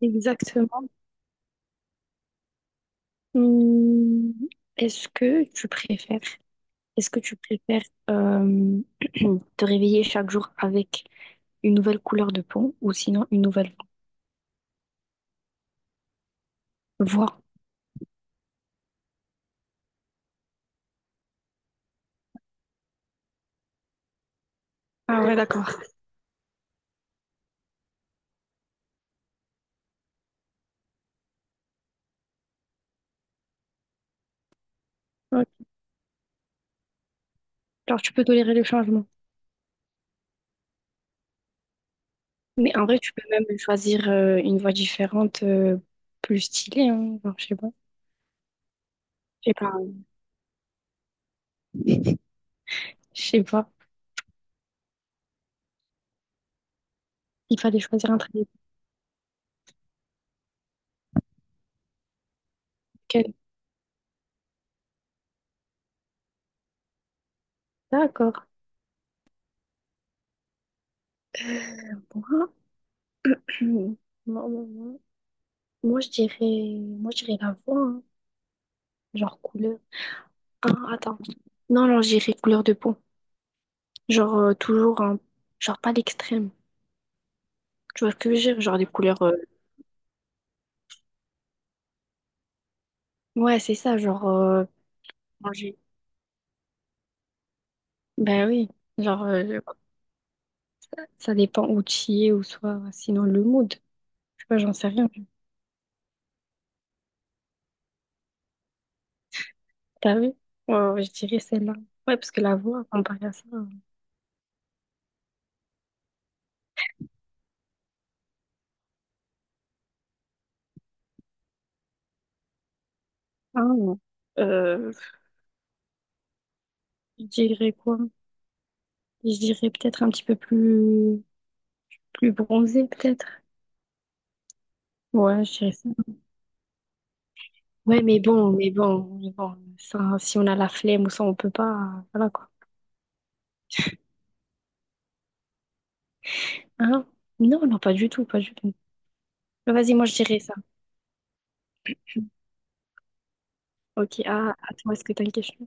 Exactement. Hum, Est-ce que tu préfères, est-ce que tu préfères euh, te réveiller chaque jour avec une nouvelle couleur de peau ou sinon une nouvelle voix? Ah ouais, d'accord. Ok. Alors tu peux tolérer le changement. Mais en vrai, tu peux même choisir une voix différente, plus stylée, hein. Genre, je sais pas. Je sais pas. Je sais pas. Il fallait choisir entre lesquelles. D'accord. Moi, moi, moi, moi, moi, je dirais la voix, hein. Genre couleur. Ah, attends. Non, alors j'irai couleur de peau. Genre, toujours, genre pas l'extrême. Tu vois ce que je veux dire? Genre des couleurs. Ouais, c'est ça, genre. Orangé. Ben oui. Genre, ça dépend où tu y es ou soit. Sinon, le mood. Je sais pas, j'en sais rien. T'as vu? Ouais, ouais, je dirais celle-là. Ouais, parce que la voix, comparée à ça. Ah, non. Euh, je dirais quoi? Je dirais peut-être un petit peu plus, plus bronzé, peut-être. Ouais, je dirais ça. Ouais, mais bon, ça, si on a la flemme ou ça, on peut pas. Voilà quoi. Hein? Non, non, pas du tout, pas du tout. Mais vas-y, moi je dirais ça. Ok, ah, à toi, est-ce que t'as une question?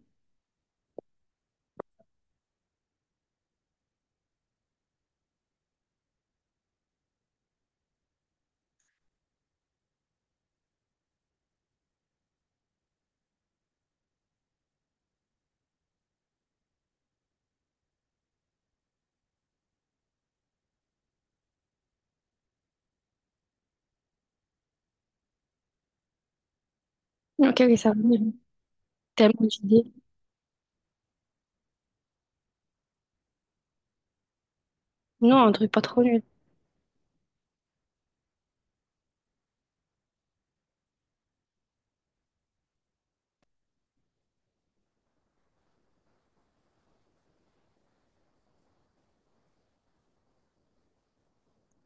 Ok, ok, ça va. Mhm. Tellement d'idées. Non, un truc pas trop nul.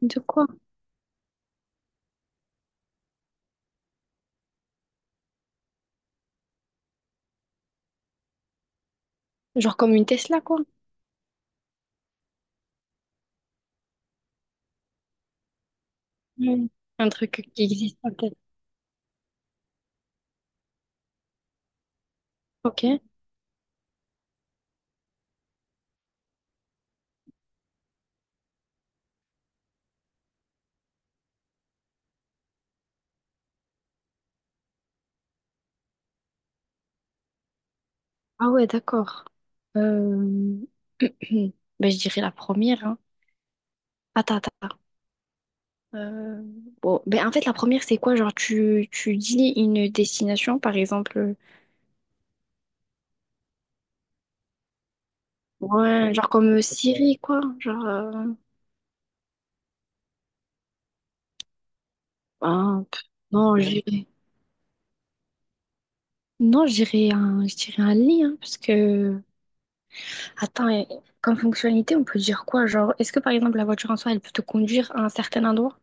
De quoi? Genre comme une Tesla, quoi. Mm. Un truc qui existe pas peut-être. Ok. Ah ouais, d'accord. Euh... ben, je dirais la première. Hein. Attends. Euh, Bon, ben, en fait, la première, c'est quoi? Genre, tu dis une destination, par exemple. Ouais, genre comme Siri, quoi. Genre, ben, pff, non, ouais. J'irai. Non, je dirais un lit, hein, parce que, attends, comme fonctionnalité, on peut dire quoi? Genre, est-ce que par exemple la voiture en soi, elle peut te conduire à un certain endroit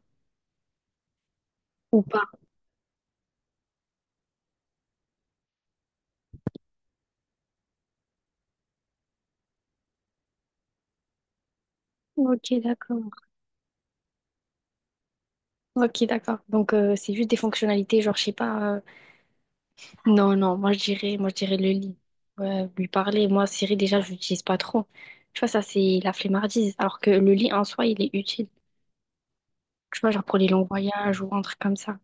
ou pas? Ok, d'accord. Ok, d'accord. Donc, c'est juste des fonctionnalités, genre, je sais pas. Non, non, moi, je dirais le lit. Ouais, lui parler. Moi, Siri, déjà, je l'utilise pas trop. Tu vois, ça, c'est la flemmardise. Alors que le lit en soi, il est utile. Tu vois, genre pour les longs voyages ou un truc comme ça.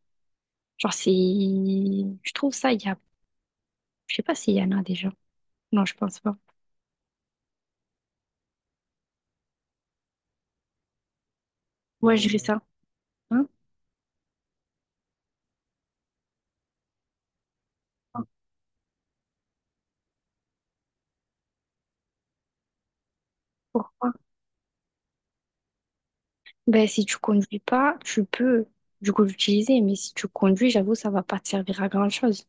Genre, c'est. Je trouve ça, il y a. Je sais pas s'il y en a déjà. Non, je pense pas. Moi, je dirais ça. Hein? Quoi. Ben, si tu conduis pas, tu peux, du coup, l'utiliser. Mais si tu conduis, j'avoue, ça va pas te servir à grand-chose.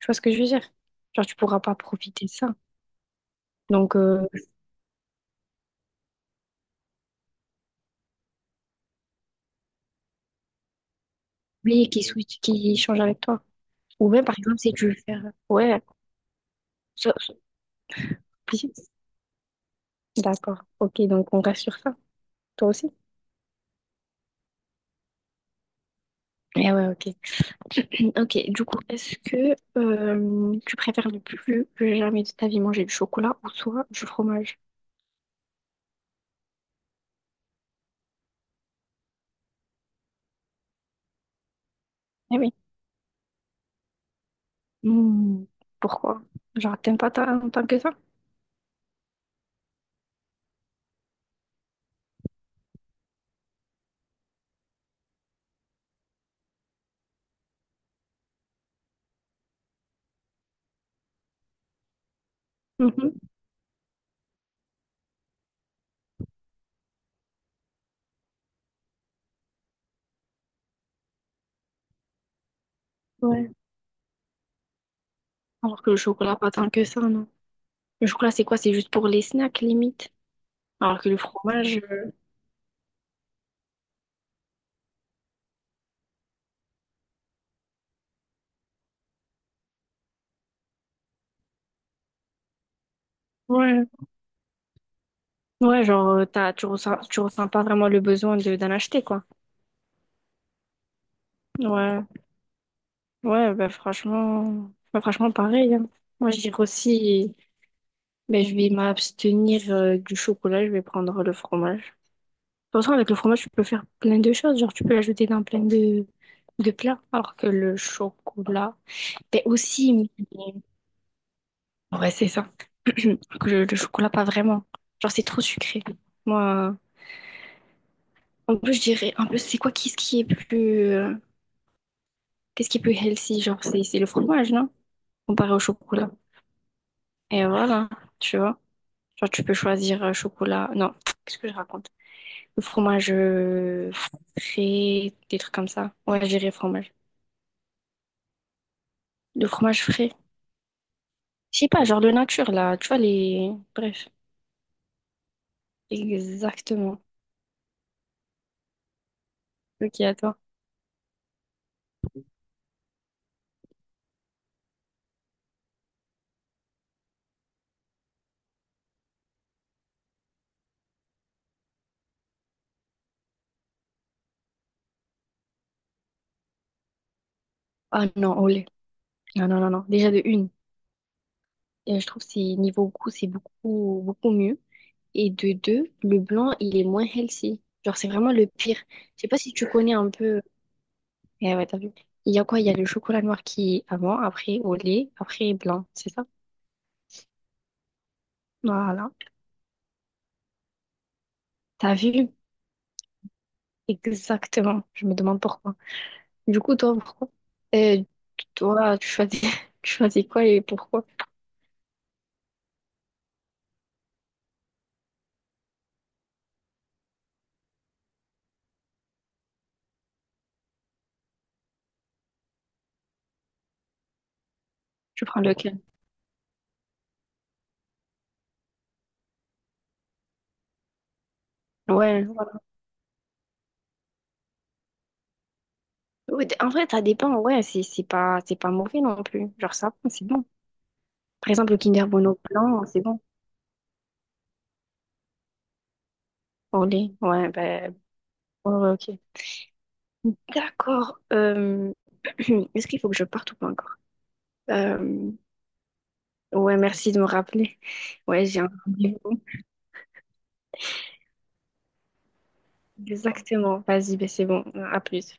Tu vois ce que je veux dire? Genre, tu pourras pas profiter de ça. Donc, oui, qui switch, qui change avec toi. Ou même, par exemple, si tu veux faire. Ouais. ça- ça- D'accord. Ok, donc on reste sur ça. Toi aussi? Eh ouais, ok. Ok, du coup, est-ce que tu préfères ne plus que jamais de ta vie manger du chocolat ou soit du fromage? Eh oui. Hmm, pourquoi? Genre, t'aimes pas ta- tant que ça? Mhm. Ouais. Alors que le chocolat, pas tant que ça, non. Le chocolat, c'est quoi? C'est juste pour les snacks, limite. Alors que le fromage, ouais. Ouais, genre, tu ressens pas vraiment le besoin de, d'en acheter, quoi. Ouais. Ouais, bah franchement pareil. Hein. Moi, je dirais aussi, ben je vais m'abstenir du chocolat, je vais prendre le fromage. De toute façon, avec le fromage, tu peux faire plein de choses. Genre, tu peux l'ajouter dans plein de plats. Alors que le chocolat, ben aussi, ouais, c'est ça. Que le chocolat, pas vraiment. Genre, c'est trop sucré. Moi, en plus, je dirais, en plus, c'est quoi, qu'est-ce qui est plus, qu'est-ce qui est plus healthy? Genre, c'est le fromage, non? Comparé au chocolat. Et voilà, tu vois. Genre, tu peux choisir chocolat. Non, qu'est-ce que je raconte? Le fromage frais, des trucs comme ça. Ouais, j'irai fromage. Le fromage frais. Je sais pas, genre de nature, là. Tu vois, les... Bref, exactement. Ok, à toi. Ah non, au lait. Non, non, non, non. Déjà de une, je trouve que c'est niveau goût, c'est beaucoup, beaucoup mieux. Et de deux, le blanc, il est moins healthy. Genre, c'est vraiment le pire. Je sais pas si tu connais un peu. Eh ouais, t'as vu. Il y a quoi? Il y a le chocolat noir qui est avant, après au lait, après blanc, c'est ça? Voilà. T'as vu? Exactement. Je me demande pourquoi. Du coup, toi, pourquoi? Euh, toi, tu choisis, tu choisis quoi et pourquoi? Tu prends lequel? Ouais, voilà. En vrai, ça dépend. Ouais, c'est pas mauvais non plus. Genre, ça, va, c'est bon. Par exemple, le Kinder Bueno blanc, c'est bon. Au lait, ouais, ben, ouais, ouais, ok. D'accord. Est-ce qu'il faut que je parte ou pas encore? Euh, Ouais, merci de me rappeler. Ouais, j'ai un rendez-vous. Exactement. Vas-y, ben c'est bon. À plus.